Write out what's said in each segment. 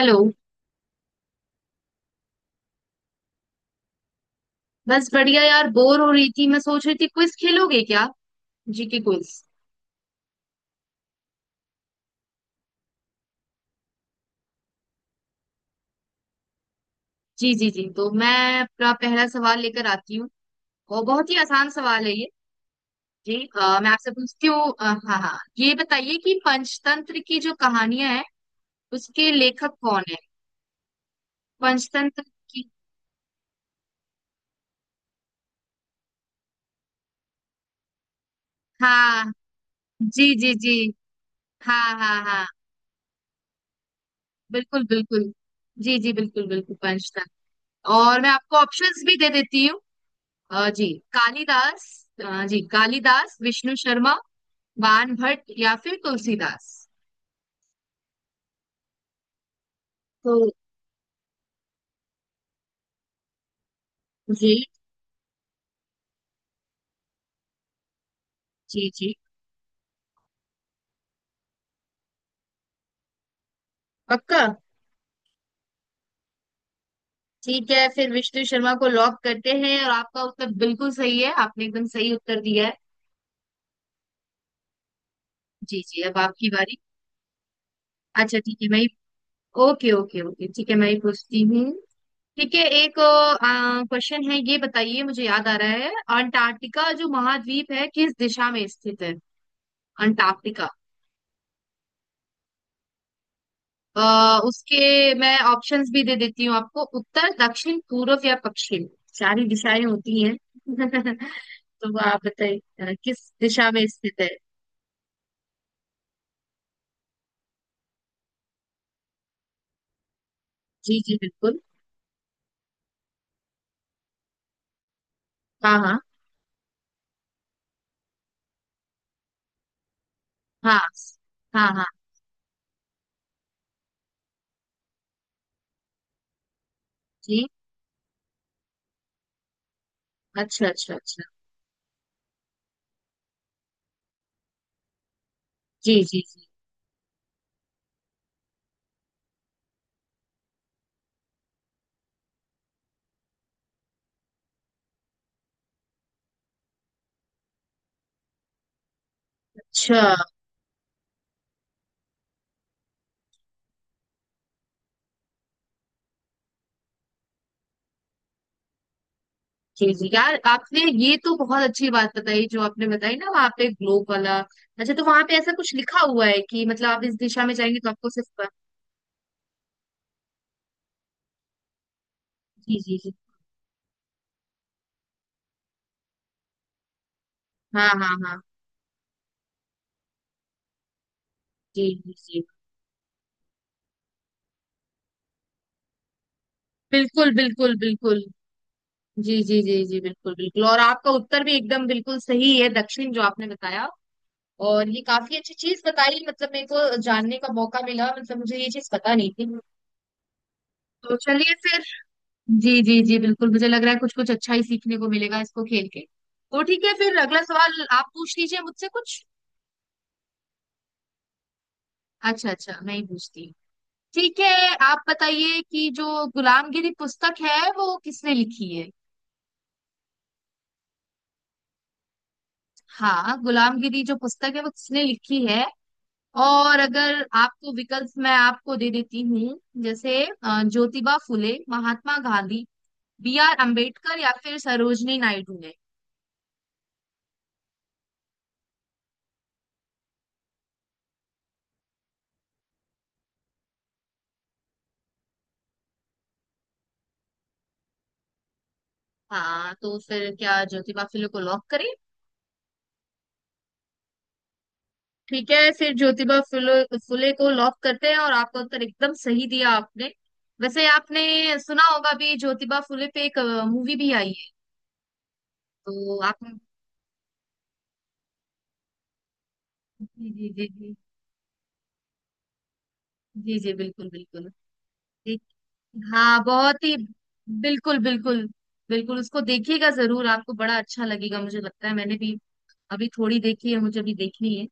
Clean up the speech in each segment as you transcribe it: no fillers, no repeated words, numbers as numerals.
Hello. बस बढ़िया यार, बोर हो रही थी। मैं सोच रही थी क्विज खेलोगे क्या? GK quiz. जी जी जी, तो मैं अपना पहला सवाल लेकर आती हूँ। और बहुत ही आसान सवाल है ये। जी, मैं आपसे पूछती हूँ, हाँ हाँ, ये बताइए कि पंचतंत्र की जो कहानियां हैं उसके लेखक कौन है? पंचतंत्र की। हाँ जी जी जी। हाँ हाँ हाँ। बिल्कुल बिल्कुल। जी जी, बिल्कुल बिल्कुल पंचतंत्र। और मैं आपको ऑप्शंस भी दे देती हूँ। अ, जी कालिदास जी कालिदास, विष्णु शर्मा, बाण भट्ट या फिर तुलसीदास। तो? जी जी जी। पक्का। ठीक है फिर विष्णु शर्मा को लॉक करते हैं और आपका उत्तर बिल्कुल सही है, आपने एकदम सही उत्तर दिया है। जी जी, अब आपकी बारी। अच्छा ठीक है, ओके ओके ओके, ठीक है मैं ही पूछती हूँ। ठीक है, एक क्वेश्चन है। ये बताइए, मुझे याद आ रहा है, अंटार्कटिका जो महाद्वीप है किस दिशा में स्थित है? अंटार्कटिका। उसके मैं ऑप्शंस भी दे देती हूँ आपको। उत्तर, दक्षिण, पूर्व या पश्चिम, सारी दिशाएं होती हैं। तो वो आप बताइए, किस दिशा में स्थित है? जी जी, बिल्कुल। हाँ हाँ हाँ हाँ हाँ जी। अच्छा अच्छा अच्छा। जी जी जी। अच्छा। जी जी, यार आपने ये तो बहुत अच्छी बात बताई, जो आपने बताई ना, वहाँ पे ग्लोब वाला। अच्छा, तो वहाँ पे ऐसा कुछ लिखा हुआ है कि मतलब आप इस दिशा में जाएंगे तो आपको सिर्फ। जी जी जी। हाँ हाँ हाँ। जी जी जी, बिल्कुल बिल्कुल बिल्कुल। जी जी जी जी, बिल्कुल बिल्कुल। और आपका उत्तर भी एकदम बिल्कुल सही है, दक्षिण जो आपने बताया। और ये काफी अच्छी चीज बताई, मतलब मेरे को जानने का मौका मिला, मतलब मुझे ये चीज पता नहीं थी। तो चलिए फिर। जी जी जी, बिल्कुल। मुझे लग रहा है कुछ कुछ अच्छा ही सीखने को मिलेगा इसको खेल के। तो ठीक है फिर, अगला सवाल आप पूछ लीजिए मुझसे कुछ। अच्छा अच्छा, मैं ही पूछती हूँ। ठीक है, आप बताइए कि जो गुलामगिरी पुस्तक है वो किसने लिखी है? हाँ, गुलामगिरी जो पुस्तक है वो किसने लिखी है? और अगर आपको विकल्प मैं आपको दे देती हूँ, जैसे ज्योतिबा फुले, महात्मा गांधी, बी आर अम्बेडकर या फिर सरोजनी नायडू ने। हाँ, तो फिर क्या ज्योतिबा फुले को लॉक करें? ठीक है फिर ज्योतिबा फुले फुले को लॉक करते हैं और आपका उत्तर एकदम सही दिया आपने। वैसे आपने सुना होगा भी, ज्योतिबा फुले पे एक मूवी भी आई है। तो आप। जी जी जी जी। जी जी, बिल्कुल बिल्कुल। जी। हाँ, बहुत ही। बिल्कुल बिल्कुल। बिल्कुल उसको देखिएगा जरूर, आपको बड़ा अच्छा लगेगा, मुझे लगता है। मैंने भी अभी थोड़ी देखी है, मुझे भी देखनी है।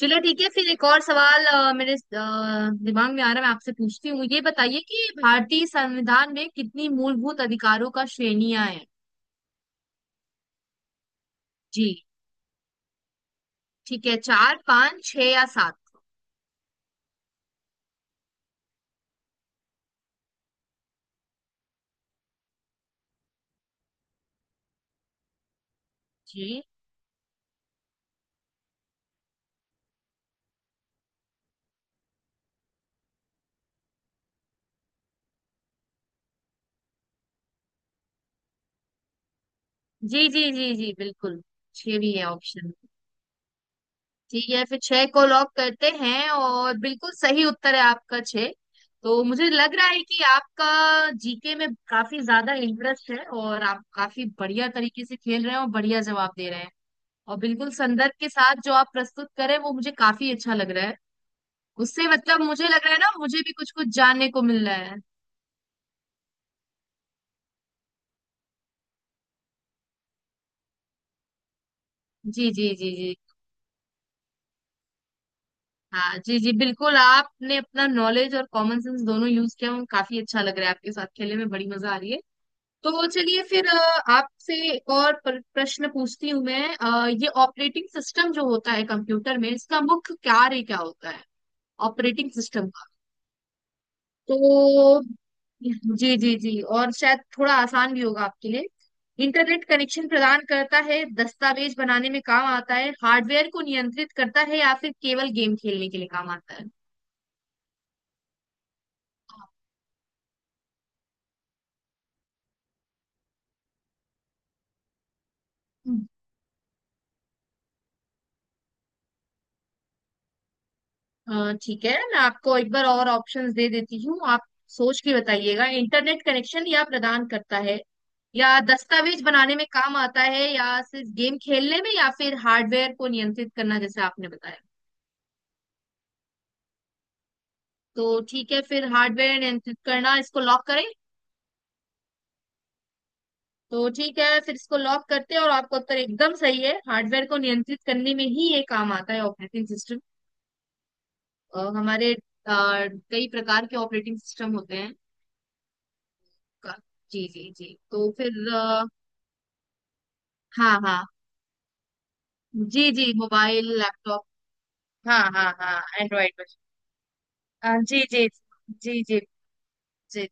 चलो ठीक है फिर, एक और सवाल मेरे दिमाग में आ रहा है, मैं आपसे पूछती हूँ। ये बताइए कि भारतीय संविधान में कितनी मूलभूत अधिकारों का श्रेणियां हैं? जी, ठीक है। चार, पांच, छह या सात? जी जी जी जी जी, बिल्कुल। छह भी है ऑप्शन। ठीक है फिर छह को लॉक करते हैं और बिल्कुल सही उत्तर है आपका, छह। तो मुझे लग रहा है कि आपका जीके में काफी ज्यादा इंटरेस्ट है और आप काफी बढ़िया तरीके से खेल रहे हैं और बढ़िया जवाब दे रहे हैं। और बिल्कुल संदर्भ के साथ जो आप प्रस्तुत करें, वो मुझे काफी अच्छा लग रहा है। उससे मतलब मुझे लग रहा है ना, मुझे भी कुछ कुछ जानने को मिल रहा है। जी जी जी जी। हाँ जी जी, बिल्कुल। आपने अपना नॉलेज और कॉमन सेंस दोनों यूज किया, वो काफी अच्छा लग रहा है, आपके साथ खेलने में बड़ी मजा आ रही है। तो चलिए फिर आपसे एक और प्रश्न पूछती हूँ मैं, ये ऑपरेटिंग सिस्टम जो होता है कंप्यूटर में, इसका मुख्य कार्य क्या होता है? ऑपरेटिंग सिस्टम का? तो जी जी जी, और शायद थोड़ा आसान भी होगा आपके लिए। इंटरनेट कनेक्शन प्रदान करता है, दस्तावेज बनाने में काम आता है, हार्डवेयर को नियंत्रित करता है, या फिर केवल गेम खेलने के लिए काम आता है? ठीक है, मैं आपको एक बार और ऑप्शंस दे देती हूँ, आप सोच के बताइएगा। इंटरनेट कनेक्शन या प्रदान करता है, या दस्तावेज बनाने में काम आता है, या सिर्फ गेम खेलने में, या फिर हार्डवेयर को नियंत्रित करना, जैसे आपने बताया। तो ठीक है फिर हार्डवेयर नियंत्रित करना, इसको लॉक करें? तो ठीक है फिर इसको लॉक करते हैं। और आपका उत्तर एकदम सही है, हार्डवेयर को नियंत्रित करने में ही ये काम आता है, ऑपरेटिंग सिस्टम। हमारे कई प्रकार के ऑपरेटिंग सिस्टम होते हैं। का- जी जी जी, तो फिर हाँ हाँ, जी जी, मोबाइल लैपटॉप। हाँ हाँ हाँ, एंड्रॉइड पर। जी जी जी जी जी।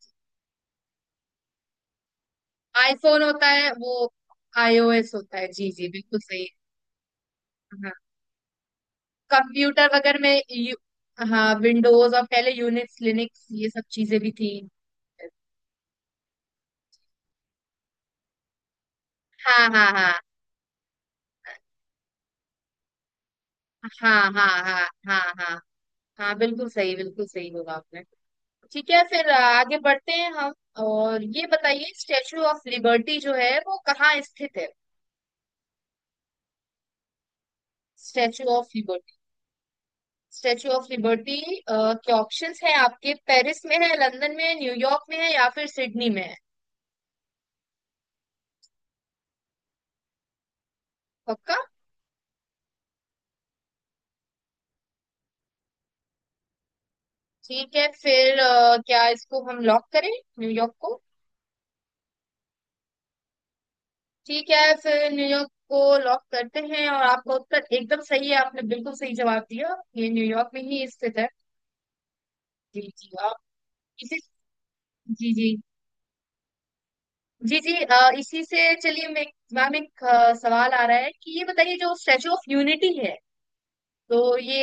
आईफोन होता है वो, आईओएस होता है। जी जी, बिल्कुल सही है। हाँ, कंप्यूटर वगैरह में हाँ विंडोज। और पहले यूनिक्स लिनक्स ये सब चीजें भी थी। हाँ हाँ हाँ हाँ हाँ हाँ हाँ हाँ हाँ, बिल्कुल सही, बिल्कुल सही होगा आपने। ठीक है फिर आगे बढ़ते हैं हम। और ये बताइए, स्टेचू ऑफ लिबर्टी जो है वो कहाँ स्थित है? Statue of liberty. Statue of liberty के ऑप्शंस हैं आपके, पेरिस में है, लंदन में है, न्यूयॉर्क में है, या फिर सिडनी में है? पक्का? ठीक है फिर, क्या इसको हम लॉक करें, न्यूयॉर्क को? ठीक है फिर न्यूयॉर्क को लॉक करते हैं। और आपका उत्तर एकदम सही है, आपने बिल्कुल सही जवाब दिया, ये न्यूयॉर्क में ही स्थित है। जी जी। आप इसी। जी जी जी जी, इसी से चलिए, मैं मैम एक सवाल आ रहा है कि ये बताइए जो स्टैचू ऑफ यूनिटी है। तो ये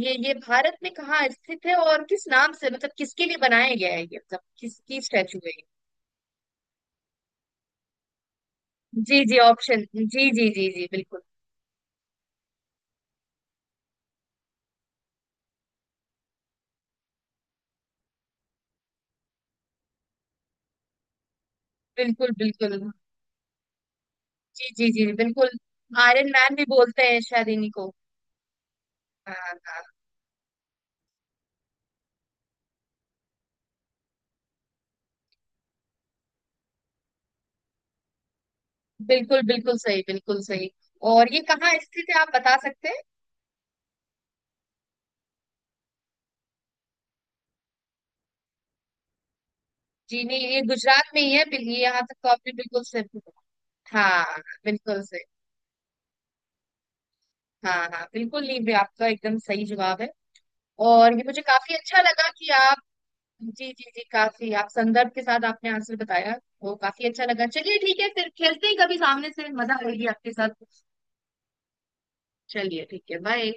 ये ये भारत में कहाँ स्थित है और किस नाम से, मतलब किसके लिए बनाया गया है ये, मतलब किसकी स्टैचू है ये? जी जी, ऑप्शन। जी जी जी जी, बिल्कुल बिल्कुल बिल्कुल। जी जी जी, बिल्कुल। आयरन मैन भी बोलते हैं शायद इन्हीं को। हाँ हाँ, बिल्कुल। बिल्कुल सही, बिल्कुल सही। और ये कहाँ स्थित है, आप बता सकते हैं? जी नहीं, ये गुजरात में ही है, ये यहाँ तक तो आपने बिल्कुल सही बोला। हाँ, बिल्कुल सही। हाँ हाँ, बिल्कुल। नहीं भी आपका एकदम सही जवाब है। और ये मुझे काफी अच्छा लगा कि। जी जी जी, काफी आप संदर्भ के साथ आपने आंसर बताया, वो काफी अच्छा लगा। चलिए ठीक है, फिर खेलते हैं कभी, सामने से मजा आएगी आपके साथ। चलिए ठीक है, बाय।